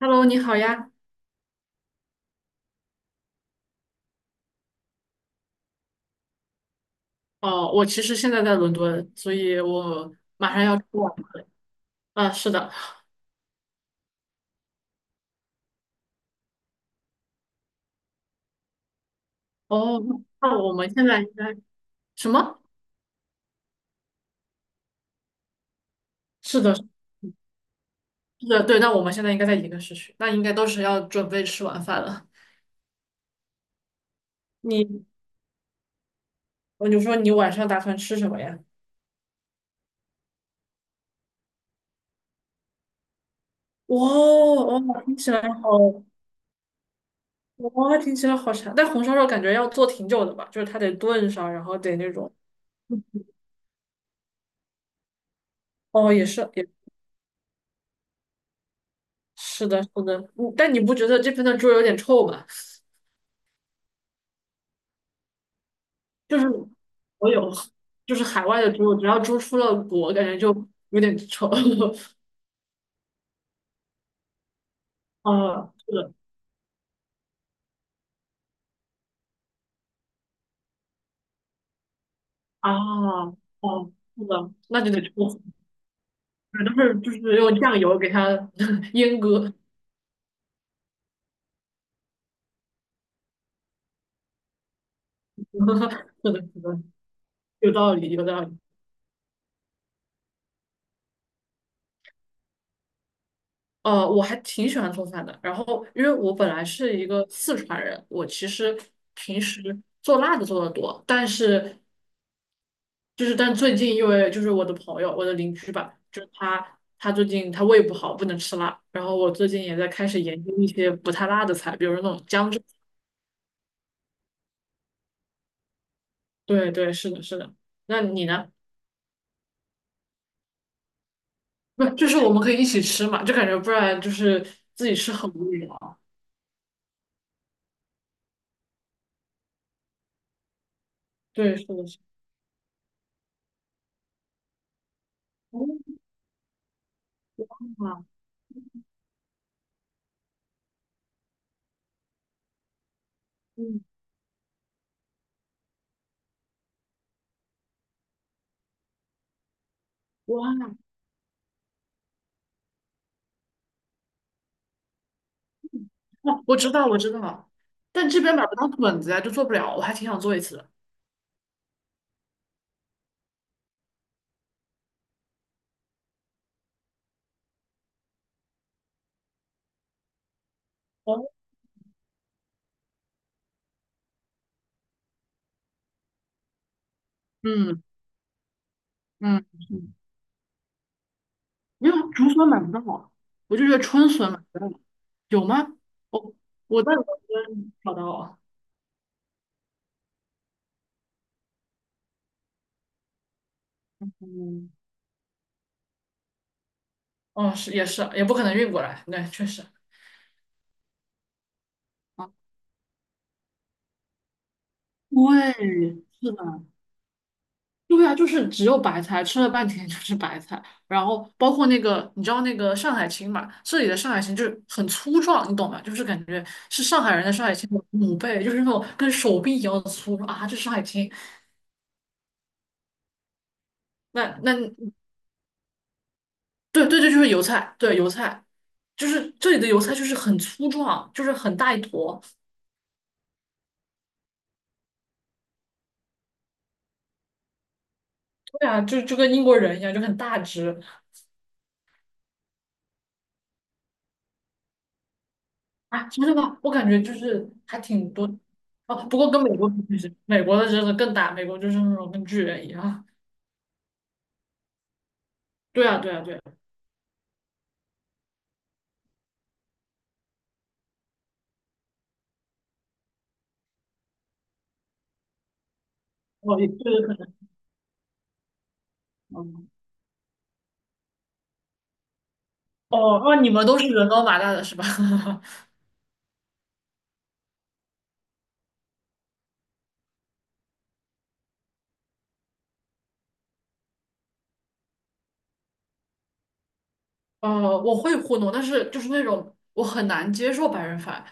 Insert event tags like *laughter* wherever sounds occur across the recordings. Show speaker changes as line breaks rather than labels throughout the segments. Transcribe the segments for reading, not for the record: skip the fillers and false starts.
Hello，你好呀。哦，我其实现在在伦敦，所以我马上要出晚了。啊，是的。哦，那我们现在应该什么？是的，是的，对。那我们现在应该在一个时区，那应该都是要准备吃晚饭了。你，我就说你晚上打算吃什么呀？哇哦，哇，听起来好馋。但红烧肉感觉要做挺久的吧？就是它得炖上，然后得那种。哦，也是，也是的，是的。嗯但你不觉得这边的猪肉有点臭吗？就是我有，就是海外的猪，只要猪出了国，感觉就有点丑。*laughs* 啊，是的，啊，哦，是的，那就得出，都是就是用酱油给它 *laughs* 阉割。*laughs* 是的，是的，有道理，有道理。我还挺喜欢做饭的。然后，因为我本来是一个四川人，我其实平时做辣的做的多，但最近因为就是我的朋友，我的邻居吧，就是他最近他胃不好，不能吃辣。然后我最近也在开始研究一些不太辣的菜，比如说那种姜汁。对对，是的，是的。那你呢？不，就是我们可以一起吃嘛，就感觉不然就是自己吃很无聊。对，是的，是的。哇，嗯，哇， *laughs*，哦，我知道，我知道，但这边买不到笋子呀，就做不了。我还挺想做一次的。哦，嗯嗯。没有竹笋买不到啊，我就觉得春笋买不到，有吗？我我在伦敦找到了，嗯，哦，是也是，也不可能运过来，对，确实。啊，对，是的，对啊，就是只有白菜，吃了半天就是白菜，然后包括那个，你知道那个上海青嘛？这里的上海青就是很粗壮，你懂吗？就是感觉是上海人的上海青的母辈，就是那种跟手臂一样粗啊，这上海青。那那对对对，就是油菜，对油菜，就是这里的油菜就是很粗壮，就是很大一坨，对啊，就跟英国人一样，就很大只啊，真的吗？我感觉就是还挺多哦，不过跟美国比其实，美国的真的更大，美国就是那种跟巨人一样，对啊对啊对啊，哦也对可能，嗯哦哦，你们都是人高马大的是吧？*laughs* 我会糊弄，但是就是那种我很难接受白人饭，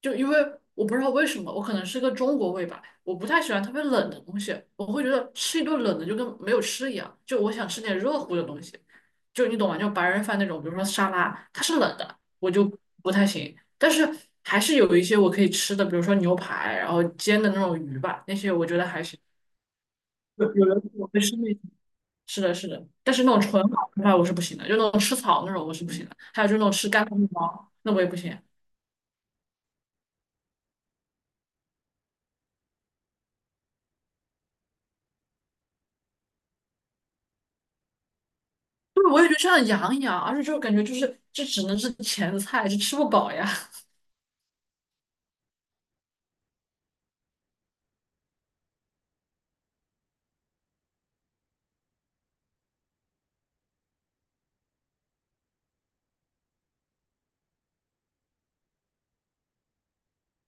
就因为我不知道为什么，我可能是个中国胃吧，我不太喜欢特别冷的东西，我会觉得吃一顿冷的就跟没有吃一样，就我想吃点热乎的东西，就你懂吗？就白人饭那种，比如说沙拉，它是冷的，我就不太行，但是还是有一些我可以吃的，比如说牛排，然后煎的那种鱼吧，那些我觉得还行。有人我会吃那是的，是的，但是那种纯好吃派我是不行的，就那种吃草那种我是不行的，还有就是那种吃干锅面包，那我也不行。就是我也觉得像羊一样，而且就感觉就是这只能是前菜，就吃不饱呀。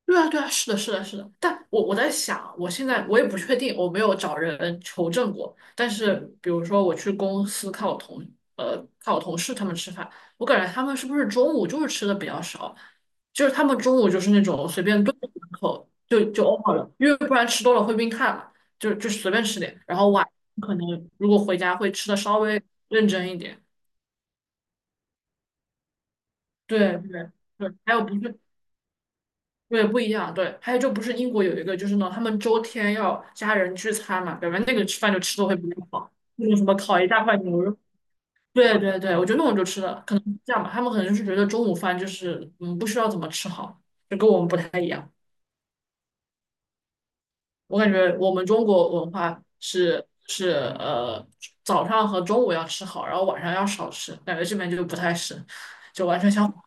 对啊，对啊，是的，是的，是的。但我在想啊，我现在我也不确定，我没有找人求证过。但是，比如说我去公司看我同呃看我同事他们吃饭，我感觉他们是不是中午就是吃的比较少，就是他们中午就是那种随便炖两口就 over 了，因为不然吃多了会晕碳嘛，就是随便吃点。然后可能如果回家会吃的稍微认真一点。对对对，还有不是对，不一样。对，还有就不是英国有一个，就是呢，他们周天要家人聚餐嘛，感觉那个吃饭就吃的会比较好，那种什么烤一大块牛肉。对对对，我觉得那种就吃的可能是这样吧，他们可能就是觉得中午饭就是不需要怎么吃好，就跟我们不太一样。我感觉我们中国文化是呃早上和中午要吃好，然后晚上要少吃，感觉这边就不太是，就完全相反。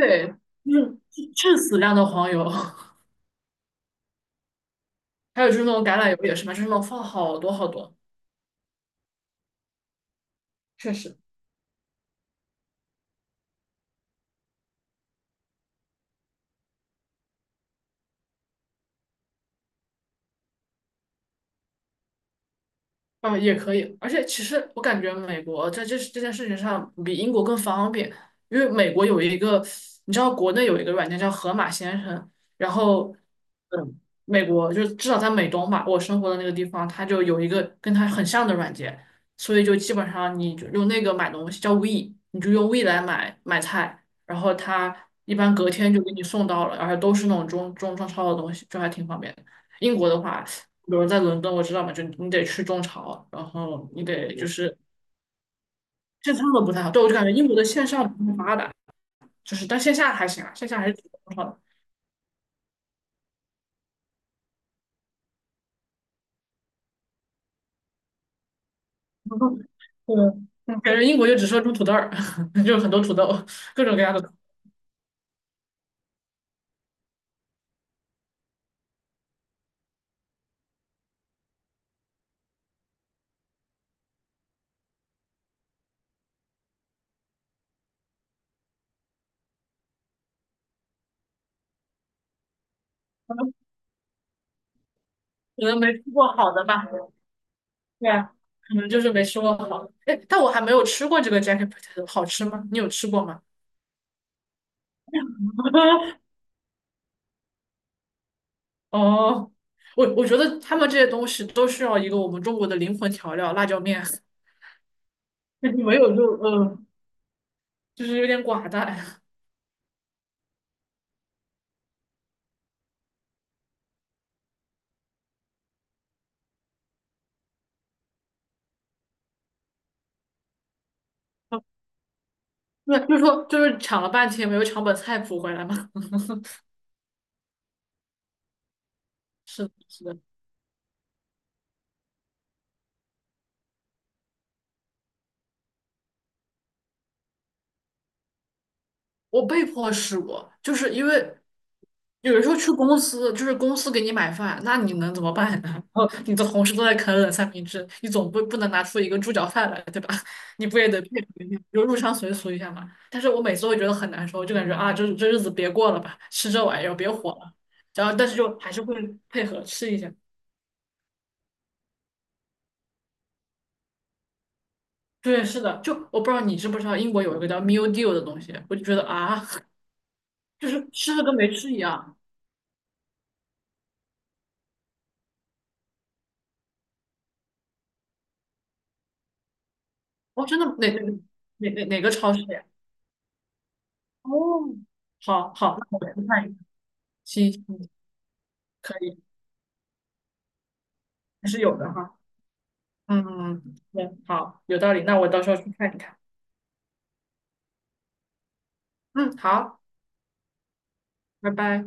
对，就是致死量的黄油。*laughs* 还有就是那种橄榄油也是嘛，就是那种放好多好多。确实。啊，也可以，而且其实我感觉美国在这这件事情上比英国更方便，因为美国有一个，你知道国内有一个软件叫河马先生，然后，嗯，美国就至少在美东吧，我生活的那个地方，它就有一个跟它很像的软件，所以就基本上你就用那个买东西叫 We，你就用 We 来买买菜，然后它一般隔天就给你送到了，而且都是那种中超的东西，就还挺方便的。英国的话。比如在伦敦，我知道嘛，就你得去中朝，然后你得就是线上的不太好。对，我就感觉英国的线上不太发达，就是但线下还行啊，线下还是挺好的。*laughs* 嗯，感觉英国就只说种土豆儿，*laughs* 就很多土豆，各种各样的土豆可能没吃过好的吧。对啊，可能就是没吃过好的。哎，但我还没有吃过这个 jacket p o t 好吃吗？你有吃过吗？*laughs* 哦，我觉得他们这些东西都需要一个我们中国的灵魂调料——辣椒面。*laughs* 你没有就嗯。就是有点寡淡。*laughs* 对，就是说，就是抢了半天没有抢本菜谱回来嘛。*laughs* 是的，是的，我被迫试过，就是因为有的时候去公司，就是公司给你买饭，那你能怎么办呢？*laughs* 然后你的同事都在啃冷三明治，你总不能拿出一个猪脚饭来，对吧？*laughs* 你不也得配合一下，就入乡随俗一下嘛。但是我每次都会觉得很难受，就感觉啊，这日子别过了吧，吃这玩意儿别火了。然后，但是就还是会配合吃一下。对，是的，就我不知道你知不知道，英国有一个叫 mildew 的东西，我就觉得啊，就是吃了跟没吃一样。哦，真的哪个超市呀？哦，好好，那我去看一看。行，行可以，还是有的哈。嗯，对，好，有道理，那我到时候去看一看。嗯，好，拜拜。